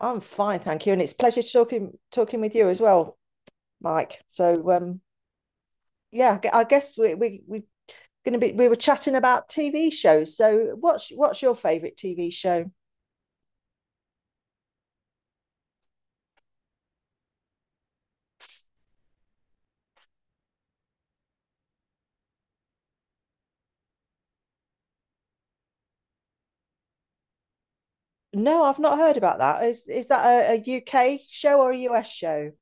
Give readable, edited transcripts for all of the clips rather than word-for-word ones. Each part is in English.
I'm fine, thank you. And it's a pleasure talking with you as well, Mike. Yeah, I guess we we're gonna be we were chatting about TV shows. So what's your favourite TV show? No, I've not heard about that. Is that a, UK show or a US show?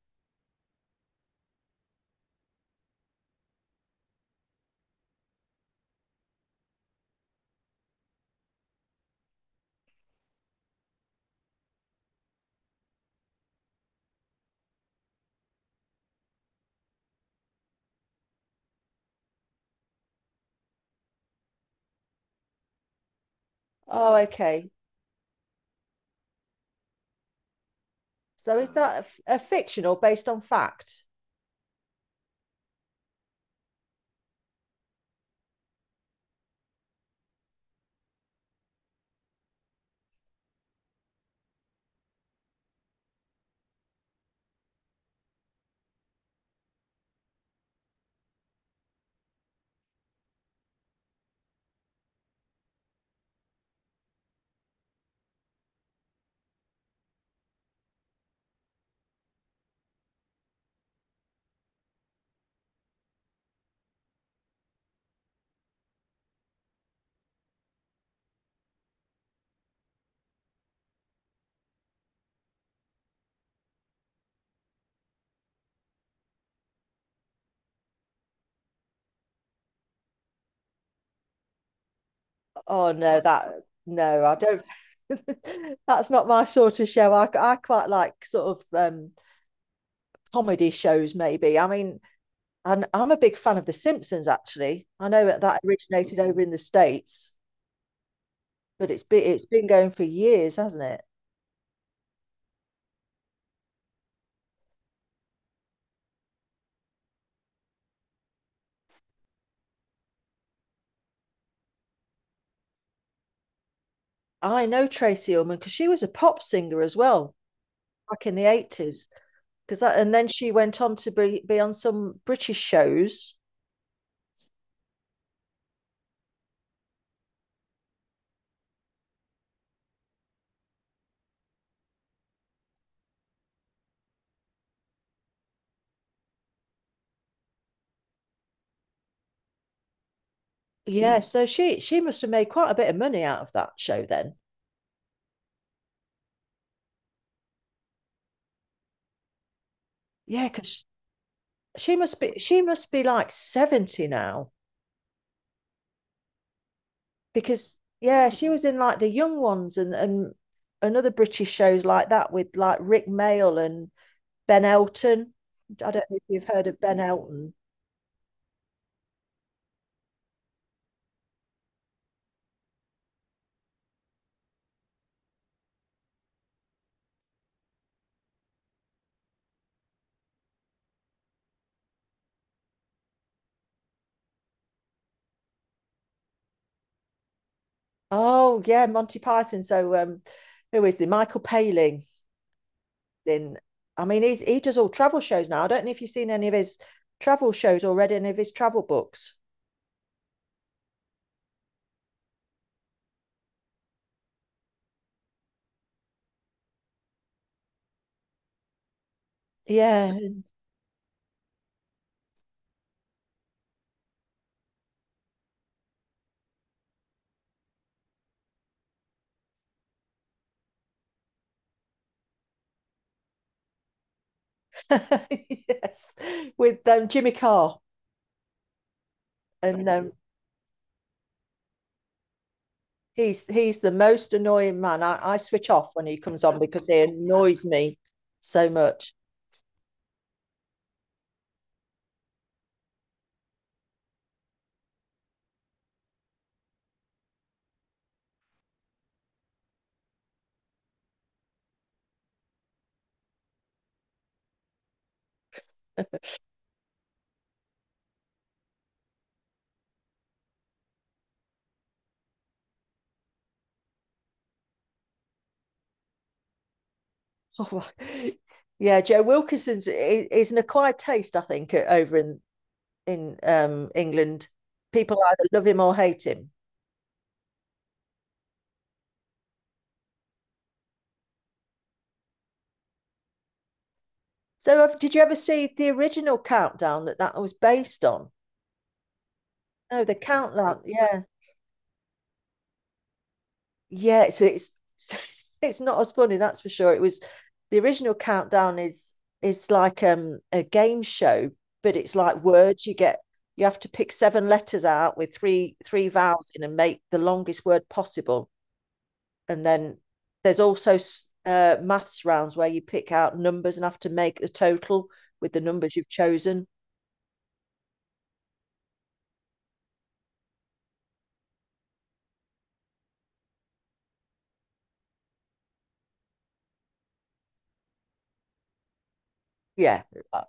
Oh, okay. So is that a fiction or based on fact? Oh no, that no, I don't. That's not my sort of show. I quite like sort of comedy shows maybe. And I'm a big fan of The Simpsons, actually. I know that that originated over in the States, but it's been going for years, hasn't it? I know Tracy Ullman because she was a pop singer as well back in the 80s. Because that, and then she went on to be on some British shows. Yeah, so she must have made quite a bit of money out of that show then. Yeah, because she must be like 70 now because yeah she was in like The Young Ones and another British shows like that with like rick mail and Ben Elton. I don't know if you've heard of Ben Elton. Oh yeah, Monty Python. Who is the Michael Palin? In I mean he's he does all travel shows now. I don't know if you've seen any of his travel shows or read any of his travel books. Yeah. Yes, with Jimmy Carr. And He's the most annoying man. I switch off when he comes on because he annoys me so much. Oh, yeah, Joe Wilkinson's is an acquired taste, I think, over in England. People either love him or hate him. So, did you ever see the original Countdown that was based on? No, the Countdown. Yeah, yeah, so it's it's not as funny, that's for sure. It was, the original countdown is a game show, but it's like words. You get, you have to pick seven letters out with three vowels in and make the longest word possible. And then there's also maths rounds where you pick out numbers and have to make the total with the numbers you've chosen. Yeah, uh,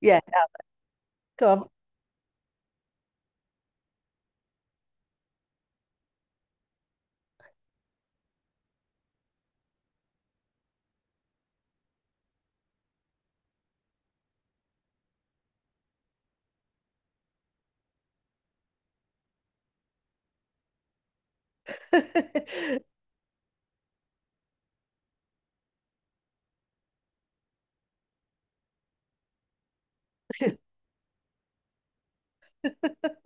yeah. Go on.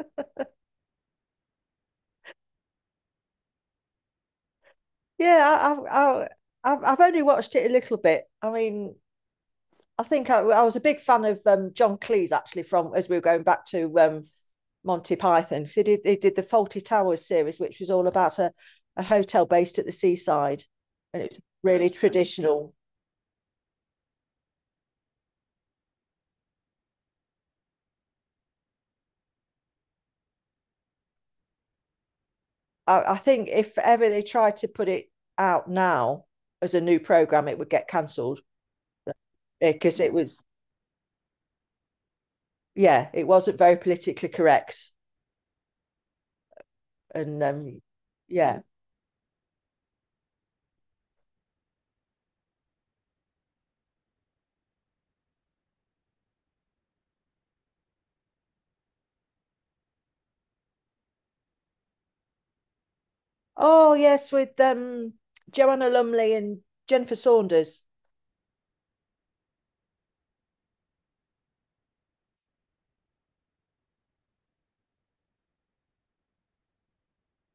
Yeah, I've only watched it a little bit. I mean, I think I was a big fan of John Cleese actually from, as we were going back to Monty Python, because he did the Faulty Towers series, which was all about a hotel based at the seaside, and it was really traditional. I think if ever they tried to put it out now as a new program, it would get cancelled because it was, yeah, it wasn't very politically correct, and yeah. Oh yes, with Joanna Lumley and Jennifer Saunders.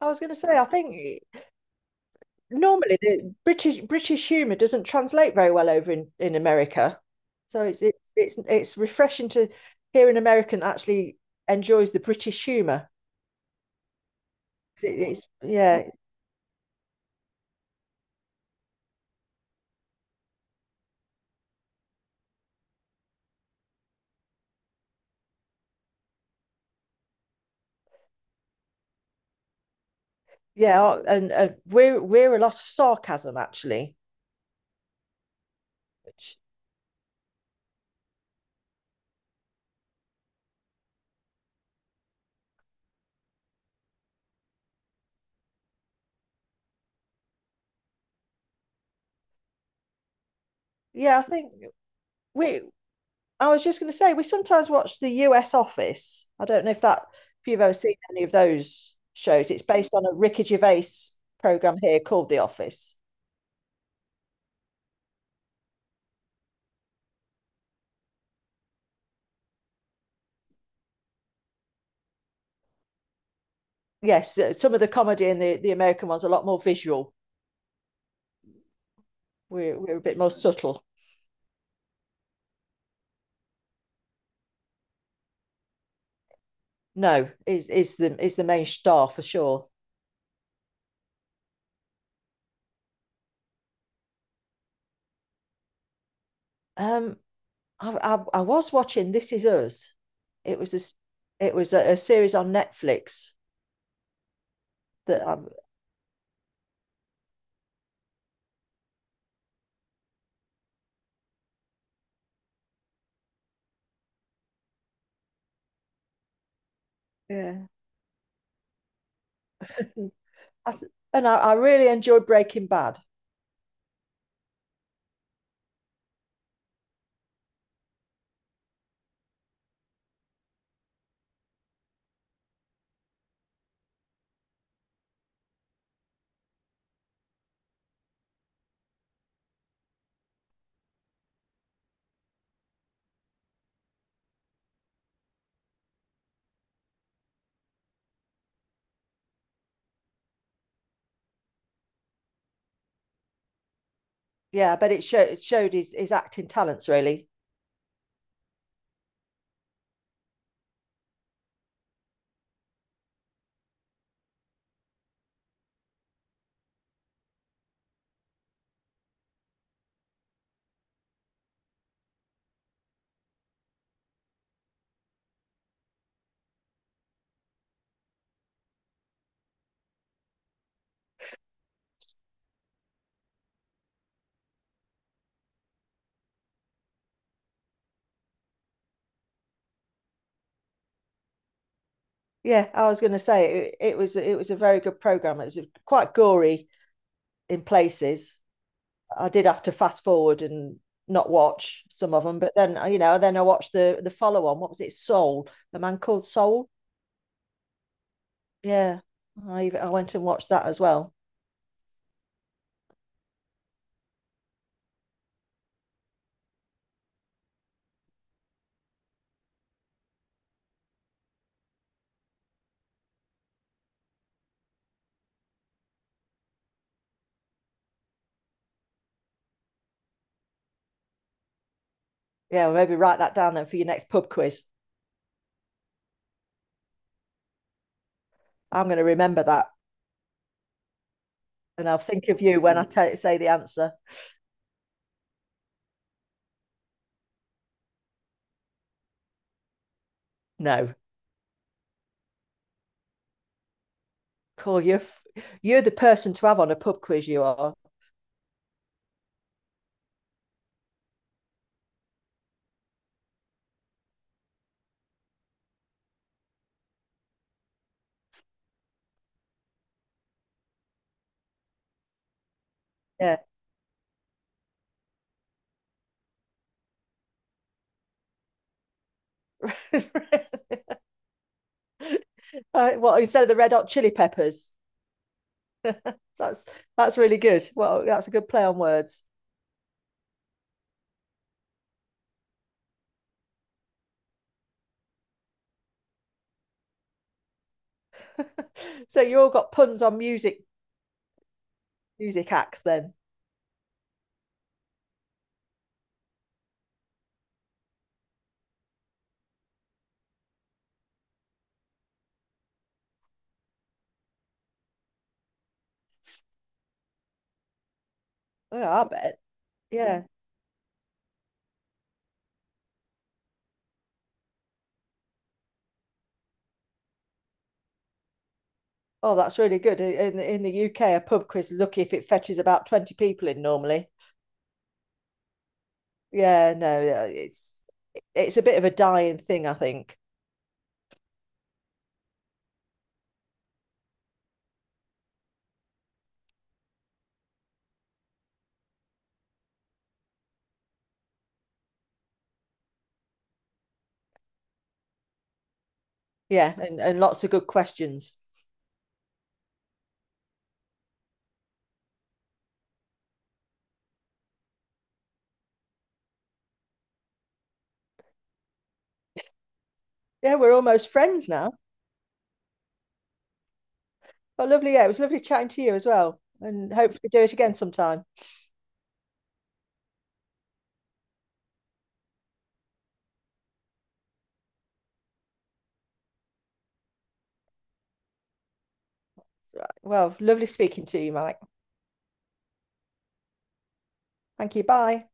I was going to say, I think normally the British humour doesn't translate very well over in America, so it's refreshing to hear an American that actually enjoys the British humour. It- It's yeah yeah, and we're a lot of sarcasm actually. Which, yeah, I think we I was just going to say, we sometimes watch the US Office. I don't know if that, if you've ever seen any of those shows. It's based on a Ricky Gervais program here called The Office. Yes, some of the comedy in the American ones are a lot more visual. We're a bit more subtle. No, is the main star for sure. Um, I was watching This Is Us. It was a series on Netflix that I'm yeah, I, and I really enjoyed Breaking Bad. Yeah, but it showed his acting talents really. Yeah, I was going to say it, it was a very good program. It was quite gory in places. I did have to fast forward and not watch some of them, but then you know, then I watched the follow on. What was it? Soul, a man called Soul. Yeah, I even, I went and watched that as well. Yeah, well, maybe write that down then for your next pub quiz. I'm going to remember that, and I'll think of you when I tell say the answer. No, cool. You're the person to have on a pub quiz. You are. Yeah. uh, well, instead of the Red Hot Chili Peppers. that's that's really good. Well, that's a good play on words. So you all got puns on music acts then? Oh, I bet. Yeah. Oh, that's really good. In the UK, a pub quiz lucky if it fetches about 20 people in normally. Yeah, no, yeah, it's a bit of a dying thing, I think. Yeah, and lots of good questions. Yeah, we're almost friends now. But lovely, yeah, it was lovely chatting to you as well. And hopefully do it again sometime. Right. Well, lovely speaking to you, Mike. Thank you. Bye.